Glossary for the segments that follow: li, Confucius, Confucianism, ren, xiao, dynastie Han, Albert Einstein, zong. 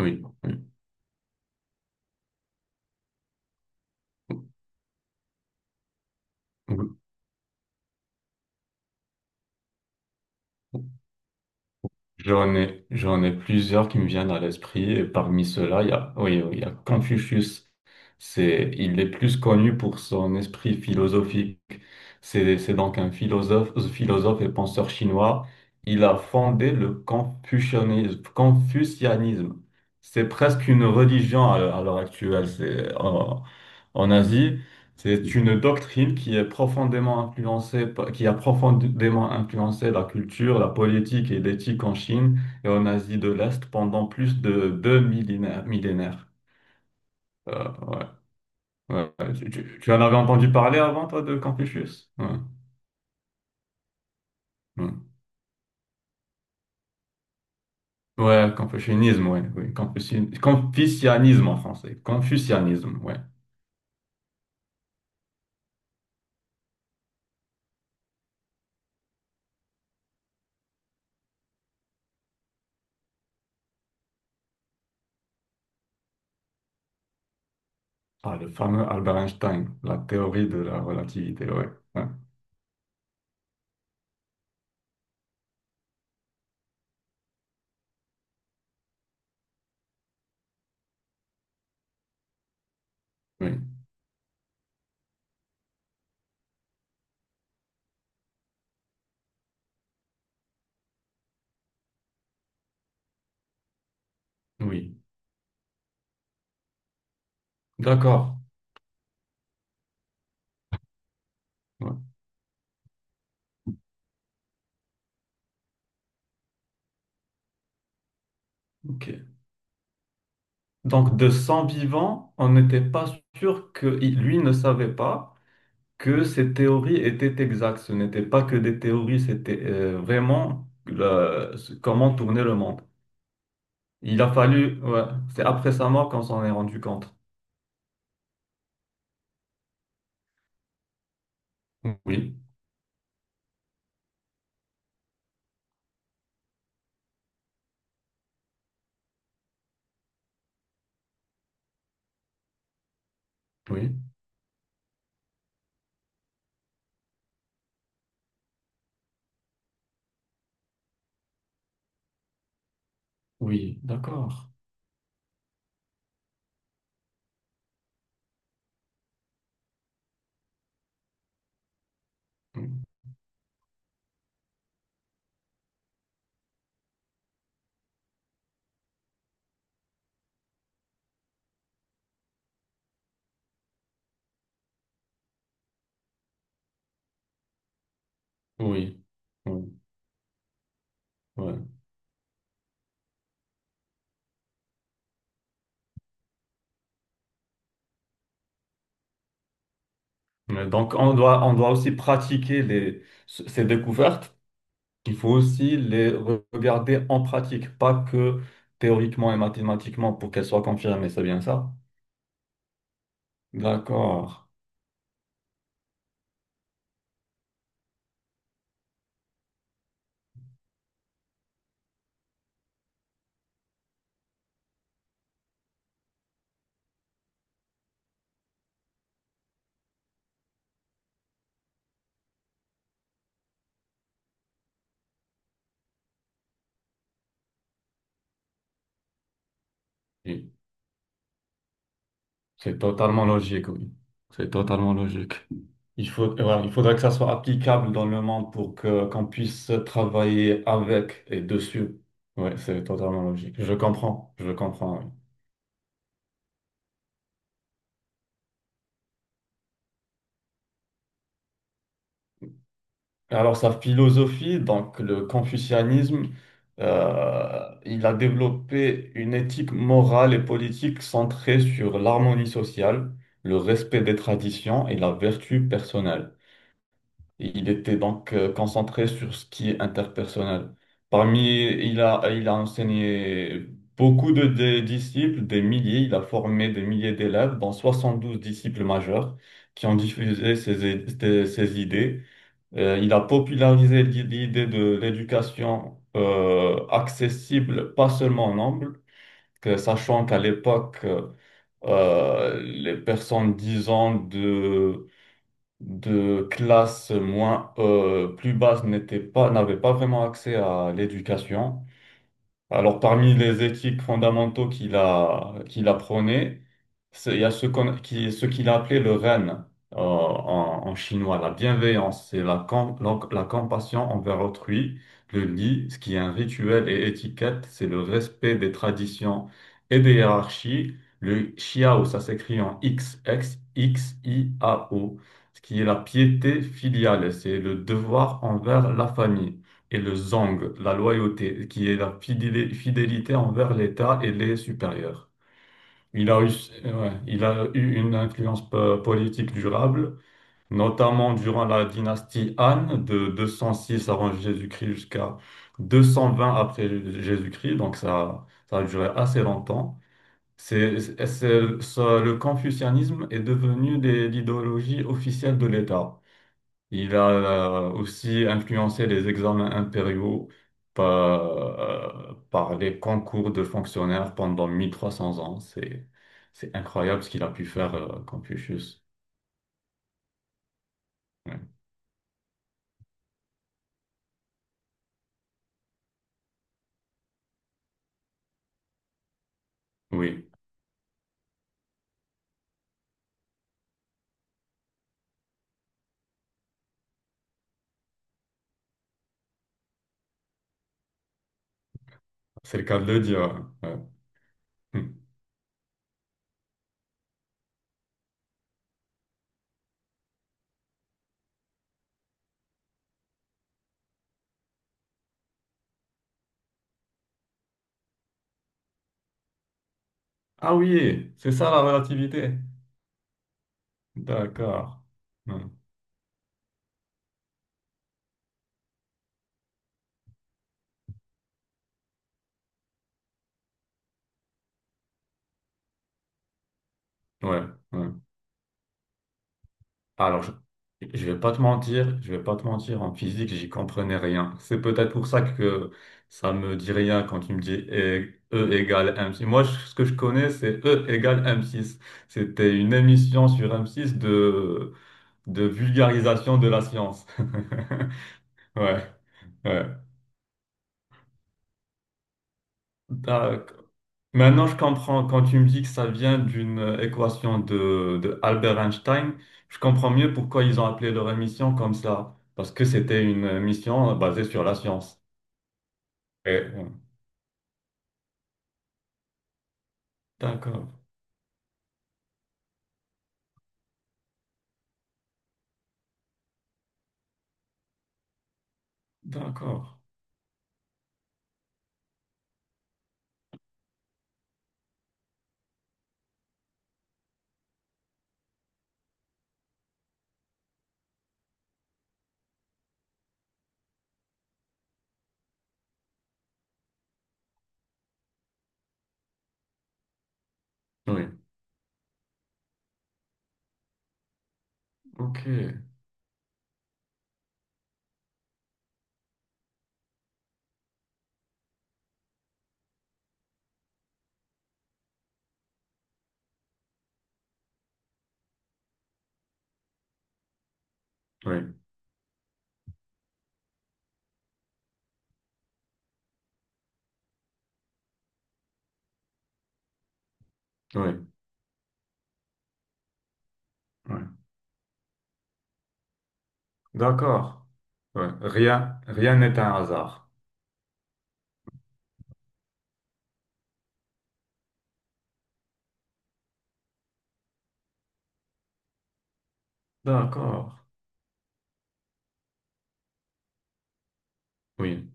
Oui, oui. J'en ai plusieurs qui me viennent à l'esprit. Et parmi ceux-là, il y a, oui, oui, il y a Confucius. Il est plus connu pour son esprit philosophique. C'est donc un philosophe, philosophe et penseur chinois. Il a fondé le confucianisme. Confucianisme. C'est presque une religion à l'heure actuelle. C'est en, en Asie. C'est une doctrine qui est profondément influencée, qui a profondément influencé la culture, la politique et l'éthique en Chine et en Asie de l'Est pendant plus de deux millénaires. Millénaires. Ouais, ouais. ouais. Tu en avais entendu parler avant, toi, de Confucius? Ouais, ouais. Ouais, confucianisme, ouais, oui. Confucianisme en français. Confucianisme, ouais. Ah, le fameux Albert Einstein, la théorie de la relativité, ouais. ouais. Oui, oui. D'accord. Ouais, ok. Donc, de 100 vivants, on n'était pas sûr que lui ne savait pas que ces théories étaient exactes. Ce n'était pas que des théories, c'était vraiment comment tourner le monde. Il a fallu, ouais, c'est après sa mort qu'on s'en est rendu compte. Oui, oui, oui, d'accord. Oui, oui, ouais. Mais donc, on doit aussi pratiquer ces découvertes. Il faut aussi les regarder en pratique, pas que théoriquement et mathématiquement pour qu'elles soient confirmées, c'est bien ça? D'accord. Oui, c'est totalement logique, oui. C'est totalement logique. Il faut, voilà, il faudrait que ça soit applicable dans le monde pour que qu'on puisse travailler avec et dessus. Oui, c'est totalement logique. Je comprends, je comprends. Oui. Alors, sa philosophie, donc le confucianisme, euh, il a développé une éthique morale et politique centrée sur l'harmonie sociale, le respect des traditions et la vertu personnelle. Et il était donc concentré sur ce qui est interpersonnel. Parmi, il a enseigné beaucoup de disciples, des milliers, il a formé des milliers d'élèves, dont 72 disciples majeurs qui ont diffusé ses ses idées il a popularisé l'idée de l'éducation accessible, pas seulement en anglais, sachant qu'à l'époque, les personnes disant de classe moins, plus basse n'étaient pas, n'avaient pas vraiment accès à l'éducation. Alors, parmi les éthiques fondamentaux qu'il a prônées, il y a ce ce qu'il a appelé le ren en, en chinois, la bienveillance, c'est la, la, la compassion envers autrui, le li, ce qui est un rituel et étiquette, c'est le respect des traditions et des hiérarchies, le xiao, ça s'écrit en X, I, A, O, ce qui est la piété filiale, c'est le devoir envers la famille et le zong, la loyauté, qui est la fidélité envers l'État et les supérieurs. Il a eu, ouais, il a eu une influence politique durable, notamment durant la dynastie Han de 206 avant Jésus-Christ jusqu'à 220 après Jésus-Christ, donc ça a duré assez longtemps. Le confucianisme est devenu l'idéologie officielle de l'État. Il a aussi influencé les examens impériaux par les concours de fonctionnaires pendant 1300 ans. C'est incroyable ce qu'il a pu faire, Confucius. Ouais. Oui, c'est le cas de le dire. Hein. ouais. Hmm. Ah oui, c'est ça la relativité. D'accord. Hmm. Ouais, ouais. Alors, je vais pas te mentir, je vais pas te mentir, en physique, j'y comprenais rien. C'est peut-être pour ça que ça me dit rien quand tu me dis E égale M6. Moi, je- ce que je connais, c'est E égale M6. C'était une émission sur M6 de vulgarisation de la science. Ouais, ouais. D'accord. Maintenant, je comprends quand tu me dis que ça vient d'une équation de Albert Einstein. Je comprends mieux pourquoi ils ont appelé leur émission comme ça, parce que c'était une mission basée sur la science. Et, d'accord, d'accord. Oui, ok. Oui, oui, oui. D'accord. Oui. Rien, rien n'est un hasard. D'accord. Oui,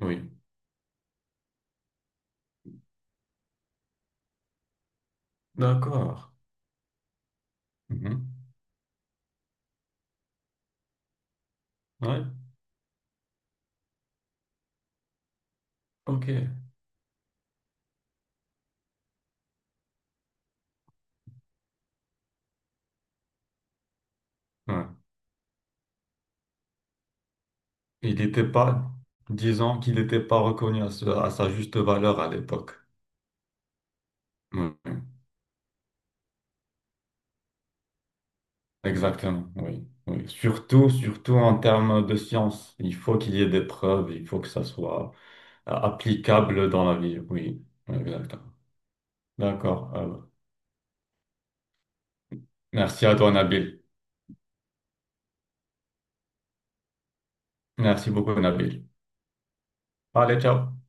oui. D'accord. Mhm. Ouais, ok. Ouais. Il n'était pas, disons qu'il n'était pas reconnu à, à sa juste valeur à l'époque. Oui, oui, exactement, oui, oui. Surtout, surtout en termes de science. Il faut qu'il y ait des preuves, il faut que ça soit applicable dans la vie. Oui, exactement. D'accord. Merci à toi, Nabil. Merci beaucoup, Nabil. Allez, ciao.